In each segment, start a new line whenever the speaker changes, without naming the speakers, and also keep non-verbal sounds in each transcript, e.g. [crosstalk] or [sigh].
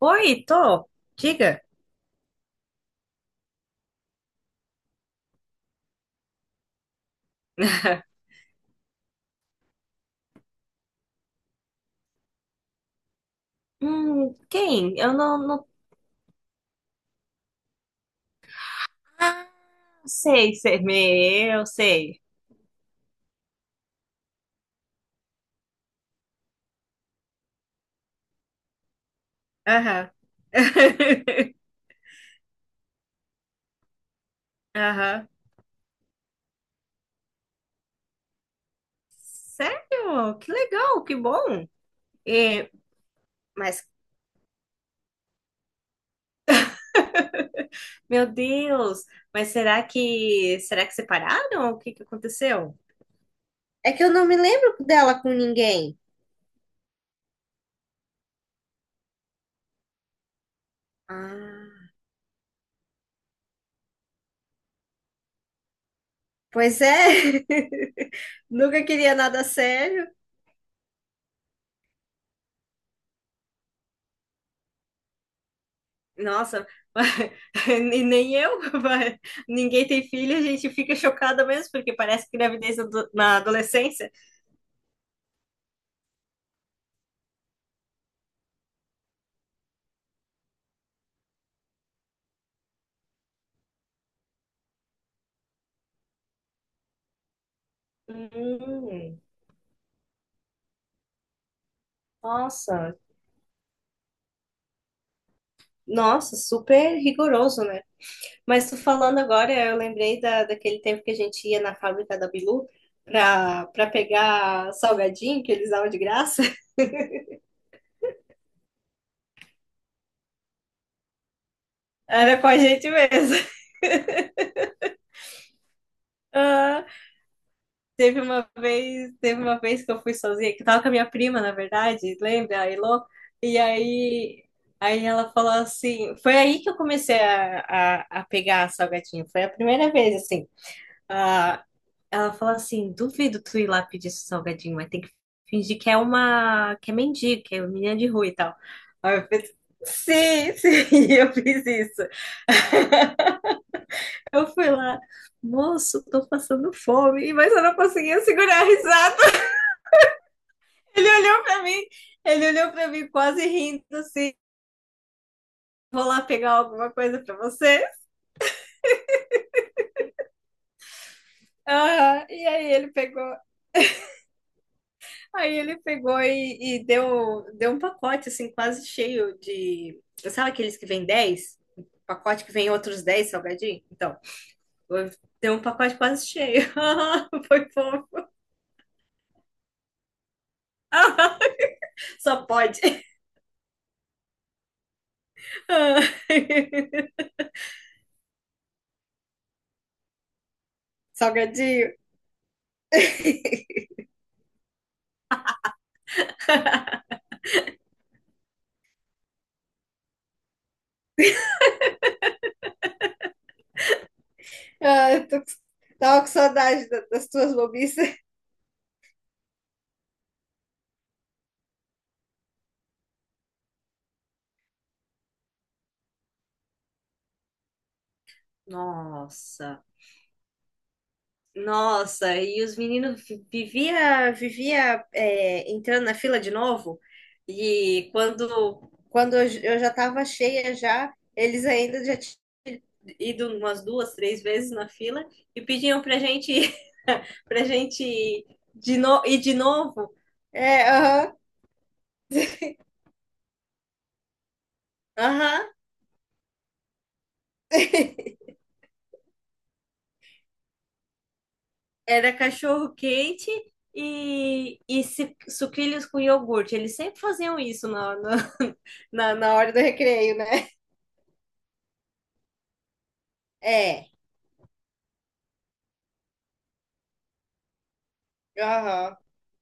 Oi, tô. Diga. [laughs] Quem? Eu não sei ser me, eu sei. Aham. [laughs] Aham. Sério? Que legal, que bom. E, mas, meu Deus, mas será que separaram? O que que aconteceu? É que eu não me lembro dela com ninguém. Ah, pois é. [laughs] Nunca queria nada sério. Nossa, [laughs] e nem eu, [laughs] ninguém tem filho. A gente fica chocada mesmo, porque parece que gravidez na adolescência. Hum, nossa, nossa, super rigoroso, né? Mas tu falando agora, eu lembrei daquele tempo que a gente ia na fábrica da Bilu pra pegar salgadinho que eles davam de graça. [laughs] Era com a gente mesmo. [laughs] Ah, teve uma vez que eu fui sozinha, que eu tava com a minha prima, na verdade, lembra, a Elô? E aí, ela falou assim, foi aí que eu comecei a pegar salgadinho, foi a primeira vez, assim. Ah, ela falou assim: duvido tu ir lá pedir seu salgadinho, mas tem que fingir que é uma, que é mendigo, que é uma menina de rua e tal. Aí eu fiz, sim, sim, [laughs] eu fiz isso. Eu fui lá, moço, tô passando fome, mas eu não conseguia segurar a risada. [laughs] Ele olhou pra mim, Ele olhou pra mim quase rindo assim. Vou lá pegar alguma coisa pra você. Aham. Aí ele pegou e deu um pacote, assim, quase cheio de. Sabe aqueles que vem 10? Pacote que vem outros 10 salgadinho? Então, deu um pacote quase cheio. [laughs] Foi fofo. [laughs] Só pode. [laughs] Salgadinho. Ah, tava com saudade das tuas bobices. Nossa. Nossa, e os meninos vivia entrando na fila de novo. E quando eu já estava cheia já, eles ainda já tinham ido umas duas, três vezes na fila e pediam [laughs] pra gente ir de no, ir de novo. É, aham, aham. Era cachorro quente e sucrilhos com iogurte. Eles sempre faziam isso [laughs] na hora do recreio, né? É, aham.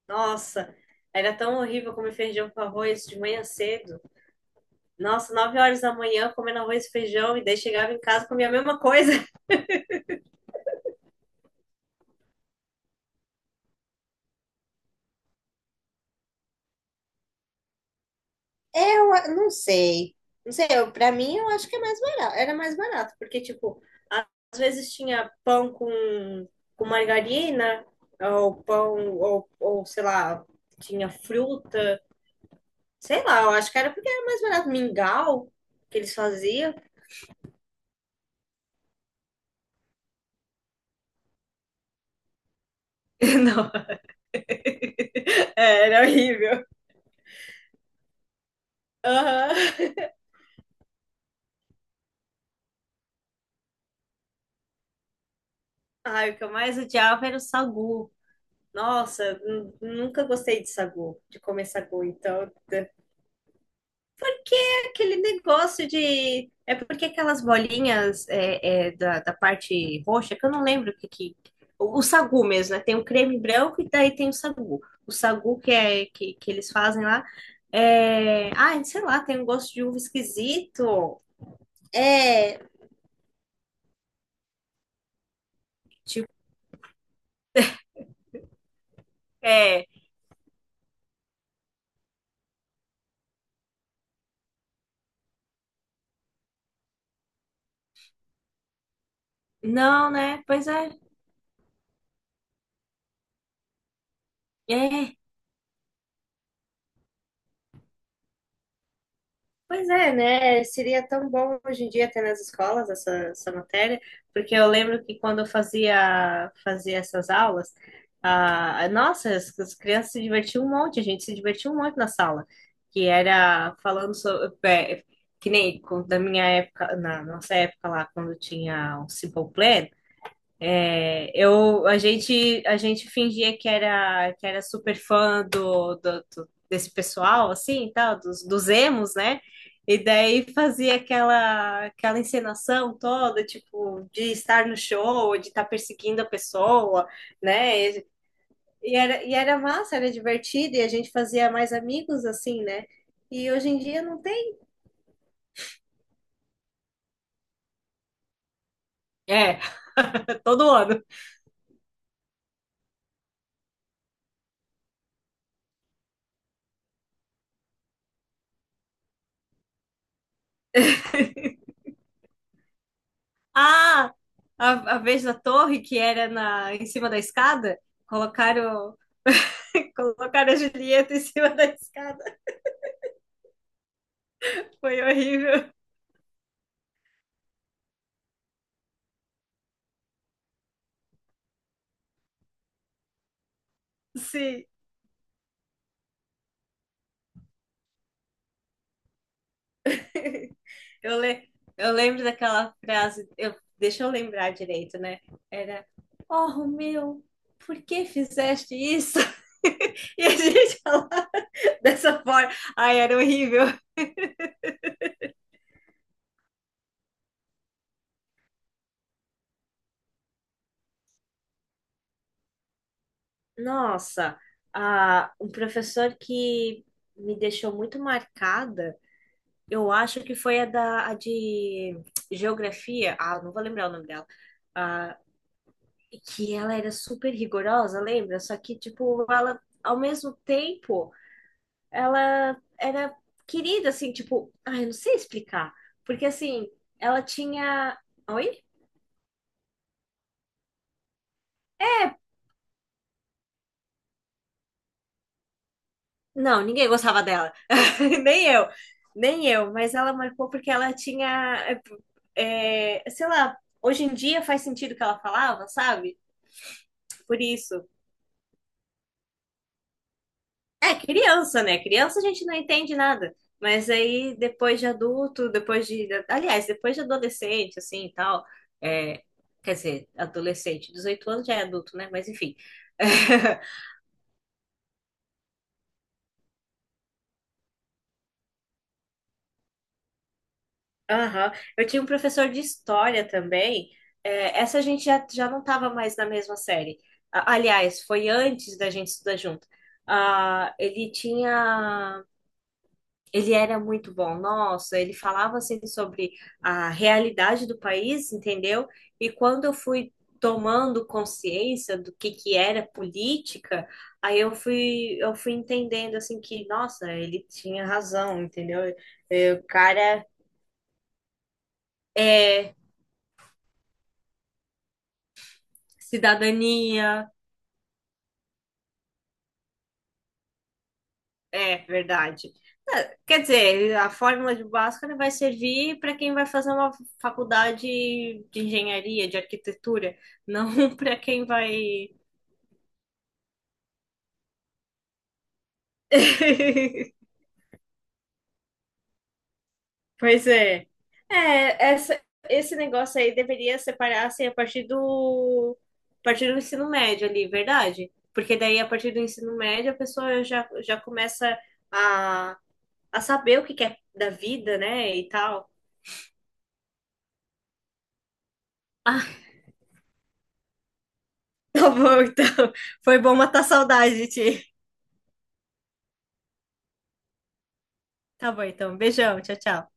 Nossa, era tão horrível comer feijão com arroz de manhã cedo. Nossa, 9 horas da manhã comendo arroz e feijão e daí chegava em casa e comia a mesma coisa. [laughs] Não sei. Não sei, eu, pra mim eu acho que é mais barato. Era mais barato, porque, tipo, a- às vezes tinha pão com margarina, ou pão, ou sei lá, tinha fruta. Sei lá, eu acho que era porque era mais barato. Mingau que eles faziam. [laughs] Não. [laughs] É, era horrível. Aham. Ai, o que eu mais odiava era o sagu. Nossa, nunca gostei de sagu, de comer sagu. Então, é aquele negócio de. É porque aquelas bolinhas da parte roxa, que eu não lembro o que, que. O sagu mesmo, né? Tem o creme branco e daí tem o sagu. O sagu que eles fazem lá. É. Ai, sei lá, tem um gosto de uva esquisito. É, tipo, é. Não, né? Pois é. É, pois é, né? Seria tão bom hoje em dia ter nas escolas essa matéria, porque eu lembro que quando eu fazia essas aulas, ah, nossa, as crianças se divertiam um monte, a gente se divertiu um monte na sala, que era falando sobre, que nem da minha época, na nossa época lá, quando tinha o Simple Plan. A gente fingia que era super fã desse pessoal, assim, e tal, dos emos, né? E daí fazia aquela encenação toda, tipo, de estar no show, de estar perseguindo a pessoa, né? E era massa, era divertido, e a gente fazia mais amigos, assim, né? E hoje em dia não tem. É, [laughs] todo ano. Ah, a vez da torre que era em cima da escada, colocaram. [laughs] Colocaram a Julieta em cima da escada. Foi horrível. Sim. [laughs] Eu, le... eu lembro daquela frase. Deixa eu lembrar direito, né? Era: Oh, Romeu, por que fizeste isso? [laughs] E a gente falava dessa forma. Ai, era horrível. Nossa, ah, um professor que me deixou muito marcada, eu acho que foi a de geografia. Ah, não vou lembrar o nome dela. Ah, que ela era super rigorosa, lembra? Só que, tipo, ela, ao mesmo tempo, ela era querida, assim, tipo, ai, eu não sei explicar. Porque, assim, ela tinha. Oi? Não, ninguém gostava dela. [laughs] Nem eu. Nem eu. Mas ela marcou porque ela tinha. É, sei lá, hoje em dia faz sentido o que ela falava, sabe? Por isso. É criança, né? Criança a gente não entende nada. Mas aí, depois de adulto, depois de. Aliás, depois de adolescente, assim e tal. É, quer dizer, adolescente, 18 anos já é adulto, né? Mas enfim. [laughs] Aham. Eu tinha um professor de história também. É, essa a gente já não estava mais na mesma série. Aliás, foi antes da gente estudar junto. Ah, ele era muito bom, nossa, ele falava assim sobre a realidade do país, entendeu? E quando eu fui tomando consciência do que era política, aí eu fui entendendo assim que, nossa, ele tinha razão, entendeu? É, o cara é cidadania, é verdade. Quer dizer, a fórmula de Bhaskara vai servir para quem vai fazer uma faculdade de engenharia, de arquitetura, não [laughs] para quem vai [laughs] pois é. É, esse negócio aí deveria separar assim, a partir do ensino médio ali, verdade? Porque daí, a partir do ensino médio, a pessoa já começa a, a saber o que quer da vida, né? E tal. Ah, [laughs] tá bom, então. Foi bom matar a saudade de ti. Tá bom, então. Beijão, tchau, tchau.